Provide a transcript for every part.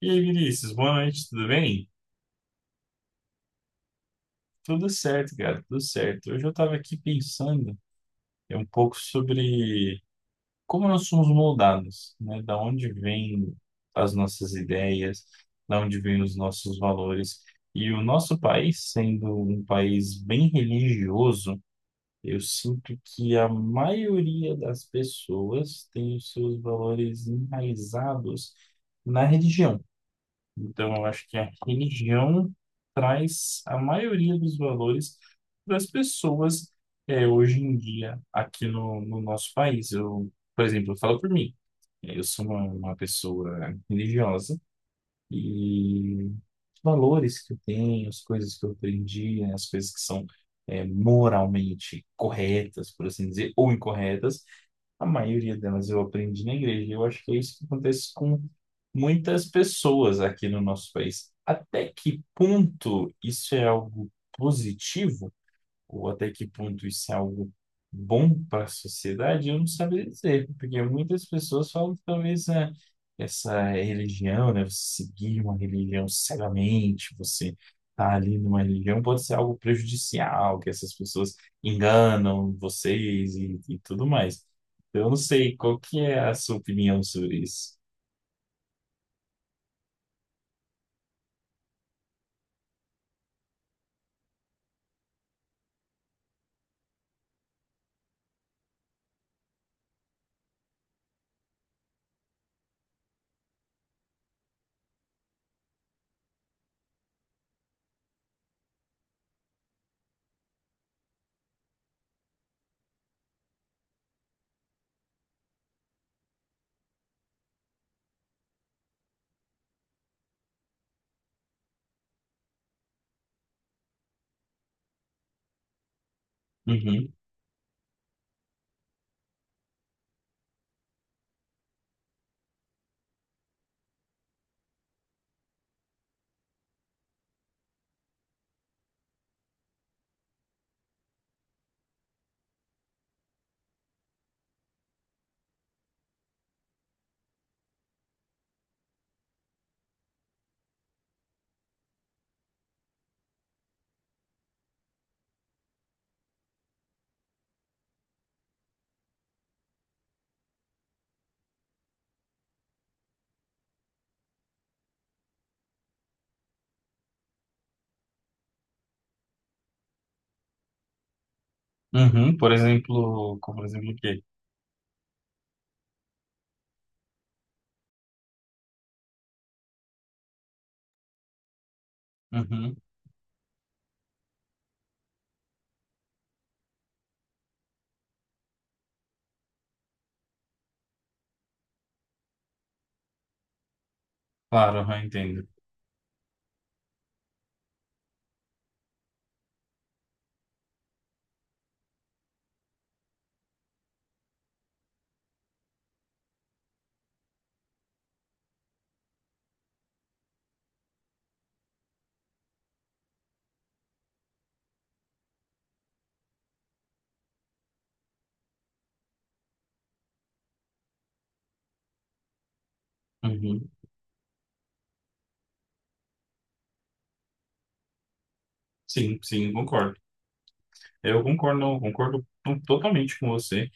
E aí, Vinícius, boa noite, tudo bem? Tudo certo, cara, tudo certo. Hoje eu estava aqui pensando um pouco sobre como nós somos moldados, né? Da onde vêm as nossas ideias, da onde vêm os nossos valores. E o nosso país, sendo um país bem religioso, eu sinto que a maioria das pessoas tem os seus valores enraizados na religião. Então, eu acho que a religião traz a maioria dos valores das pessoas hoje em dia aqui no nosso país. Eu, por exemplo, eu falo por mim, né? Eu sou uma pessoa religiosa, e os valores que eu tenho, as coisas que eu aprendi, né, as coisas que são moralmente corretas, por assim dizer, ou incorretas, a maioria delas eu aprendi na igreja. Eu acho que é isso que acontece com muitas pessoas aqui no nosso país. Até que ponto isso é algo positivo? Ou até que ponto isso é algo bom para a sociedade, eu não saberia dizer, porque muitas pessoas falam que, talvez, né, essa religião, né, você seguir uma religião cegamente, você estar ali numa religião pode ser algo prejudicial, que essas pessoas enganam vocês e tudo mais. Então, eu não sei qual que é a sua opinião sobre isso. Uhum, uhum, por exemplo, como por exemplo o quê? Uhum, claro, eu entendo. Uhum, sim, sim, concordo. Eu concordo, concordo totalmente com você.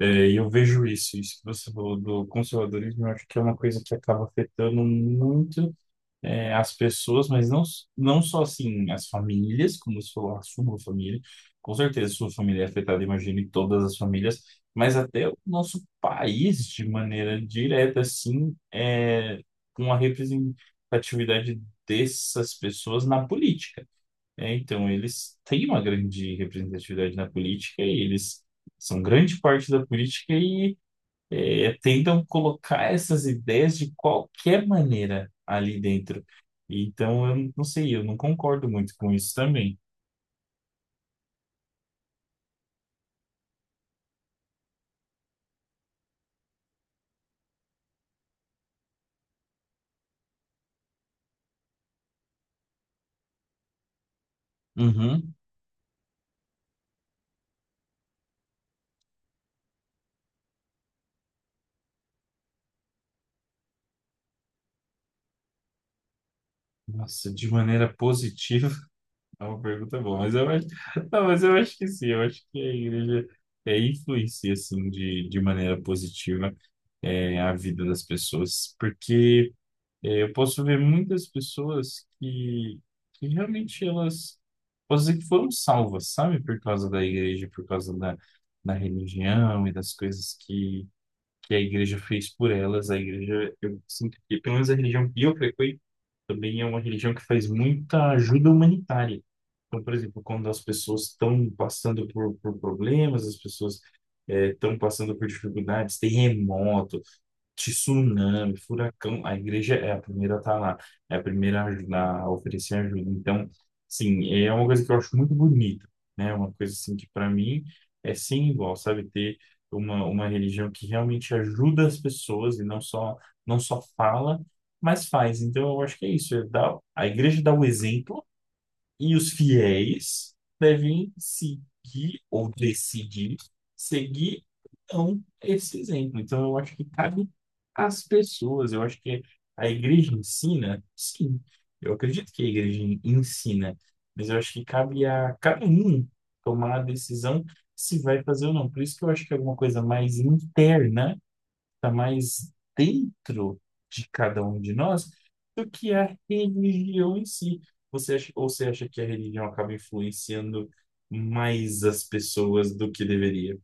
É, e eu vejo isso, isso que você falou do conservadorismo, eu acho que é uma coisa que acaba afetando muito as pessoas, mas não, não só assim as famílias, como você falou, a sua família, com certeza sua família é afetada, imagine todas as famílias, mas até o nosso país de maneira direta, assim, é, com a representatividade dessas pessoas na política. É, então, eles têm uma grande representatividade na política e eles são grande parte da política e tentam colocar essas ideias de qualquer maneira ali dentro. Então, eu não sei, eu não concordo muito com isso também. Uhum. Nossa, de maneira positiva, é uma pergunta boa, mas eu acho, não, mas eu acho que sim, eu acho que a igreja influencia, assim, de maneira positiva a vida das pessoas, porque é, eu posso ver muitas pessoas que realmente elas, posso dizer que foram salvas, sabe? Por causa da igreja, por causa da, da religião e das coisas que a igreja fez por elas. A igreja, eu sinto que, pelo menos a religião que eu frequento, também é uma religião que faz muita ajuda humanitária. Então, por exemplo, quando as pessoas estão passando por problemas, as pessoas estão passando por dificuldades, terremoto, tsunami, furacão, a igreja é a primeira a estar lá, é a primeira a ajudar, a oferecer ajuda. Então, sim, é uma coisa que eu acho muito bonita, né? Uma coisa assim que para mim é sem igual, sabe? Ter uma religião que realmente ajuda as pessoas e não só, não só fala, mas faz. Então, eu acho que é isso, é dar, a igreja dá o exemplo e os fiéis devem seguir ou decidir seguir então esse exemplo. Então, eu acho que cabe às pessoas. Eu acho que a igreja ensina, sim. Eu acredito que a igreja ensina, mas eu acho que cabe a cada um tomar a decisão se vai fazer ou não. Por isso que eu acho que é alguma coisa mais interna, está mais dentro de cada um de nós do que a religião em si. Você acha, ou você acha que a religião acaba influenciando mais as pessoas do que deveria?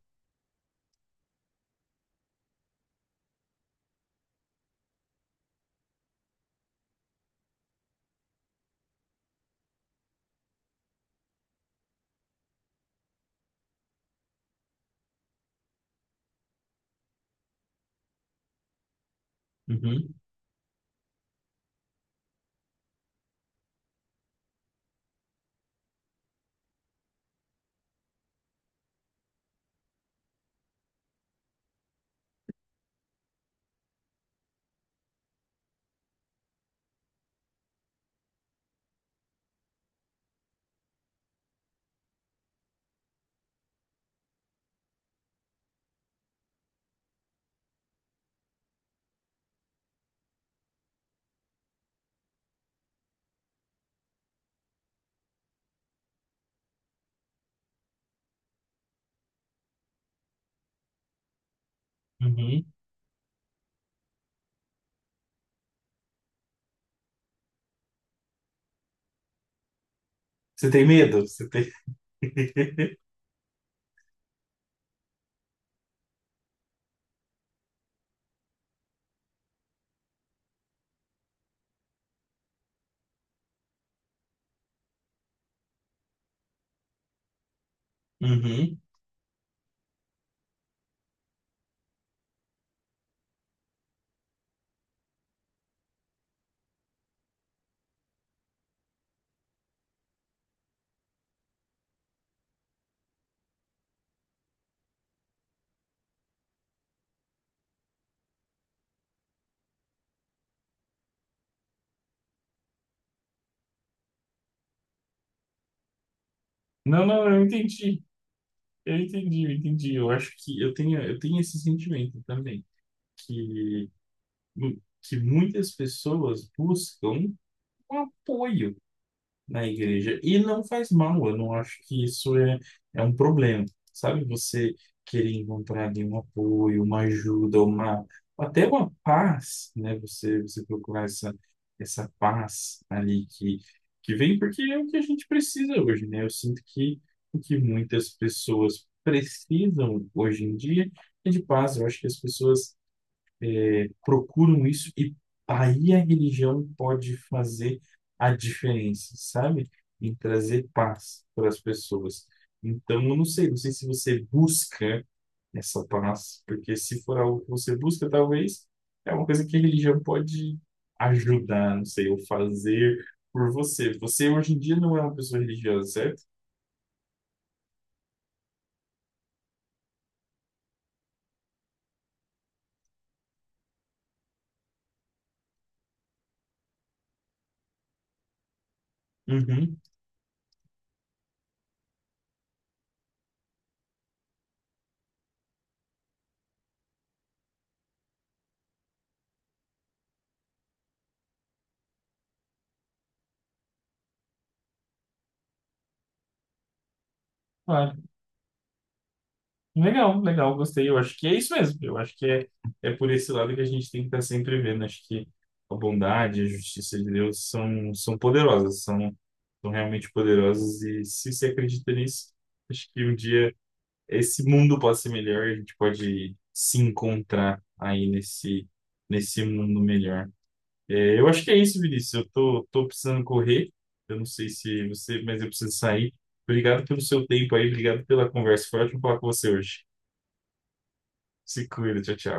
Uhum, uhum. Você tem medo? Você tem... Uhum. Não, não, eu entendi. Eu entendi, eu entendi. Eu acho que eu tenho esse sentimento também, que, que muitas pessoas buscam um apoio na igreja. E não faz mal, eu não acho que isso é, é um problema, sabe? Você querer encontrar ali um apoio, uma ajuda, uma, até uma paz, né? Você, você procurar essa, essa paz ali que vem, porque é o que a gente precisa hoje, né? Eu sinto que o que muitas pessoas precisam hoje em dia é de paz. Eu acho que as pessoas procuram isso e aí a religião pode fazer a diferença, sabe? Em trazer paz para as pessoas. Então, eu não sei, não sei se você busca essa paz, porque se for algo que você busca, talvez é uma coisa que a religião pode ajudar, não sei, ou fazer por você. Você hoje em dia não é uma pessoa religiosa, certo? Uhum, claro. Legal, legal, gostei. Eu acho que é isso mesmo. Eu acho que é, é por esse lado que a gente tem que estar sempre vendo. Acho que a bondade, a justiça de Deus são, são poderosas, são, são realmente poderosas. E se você acredita nisso, acho que um dia esse mundo pode ser melhor e a gente pode se encontrar aí nesse, nesse mundo melhor. É, eu acho que é isso, Vinícius. Eu tô, tô precisando correr. Eu não sei se você, mas eu preciso sair. Obrigado pelo seu tempo aí, obrigado pela conversa. Foi ótimo falar com você hoje. Se cuida, tchau, tchau.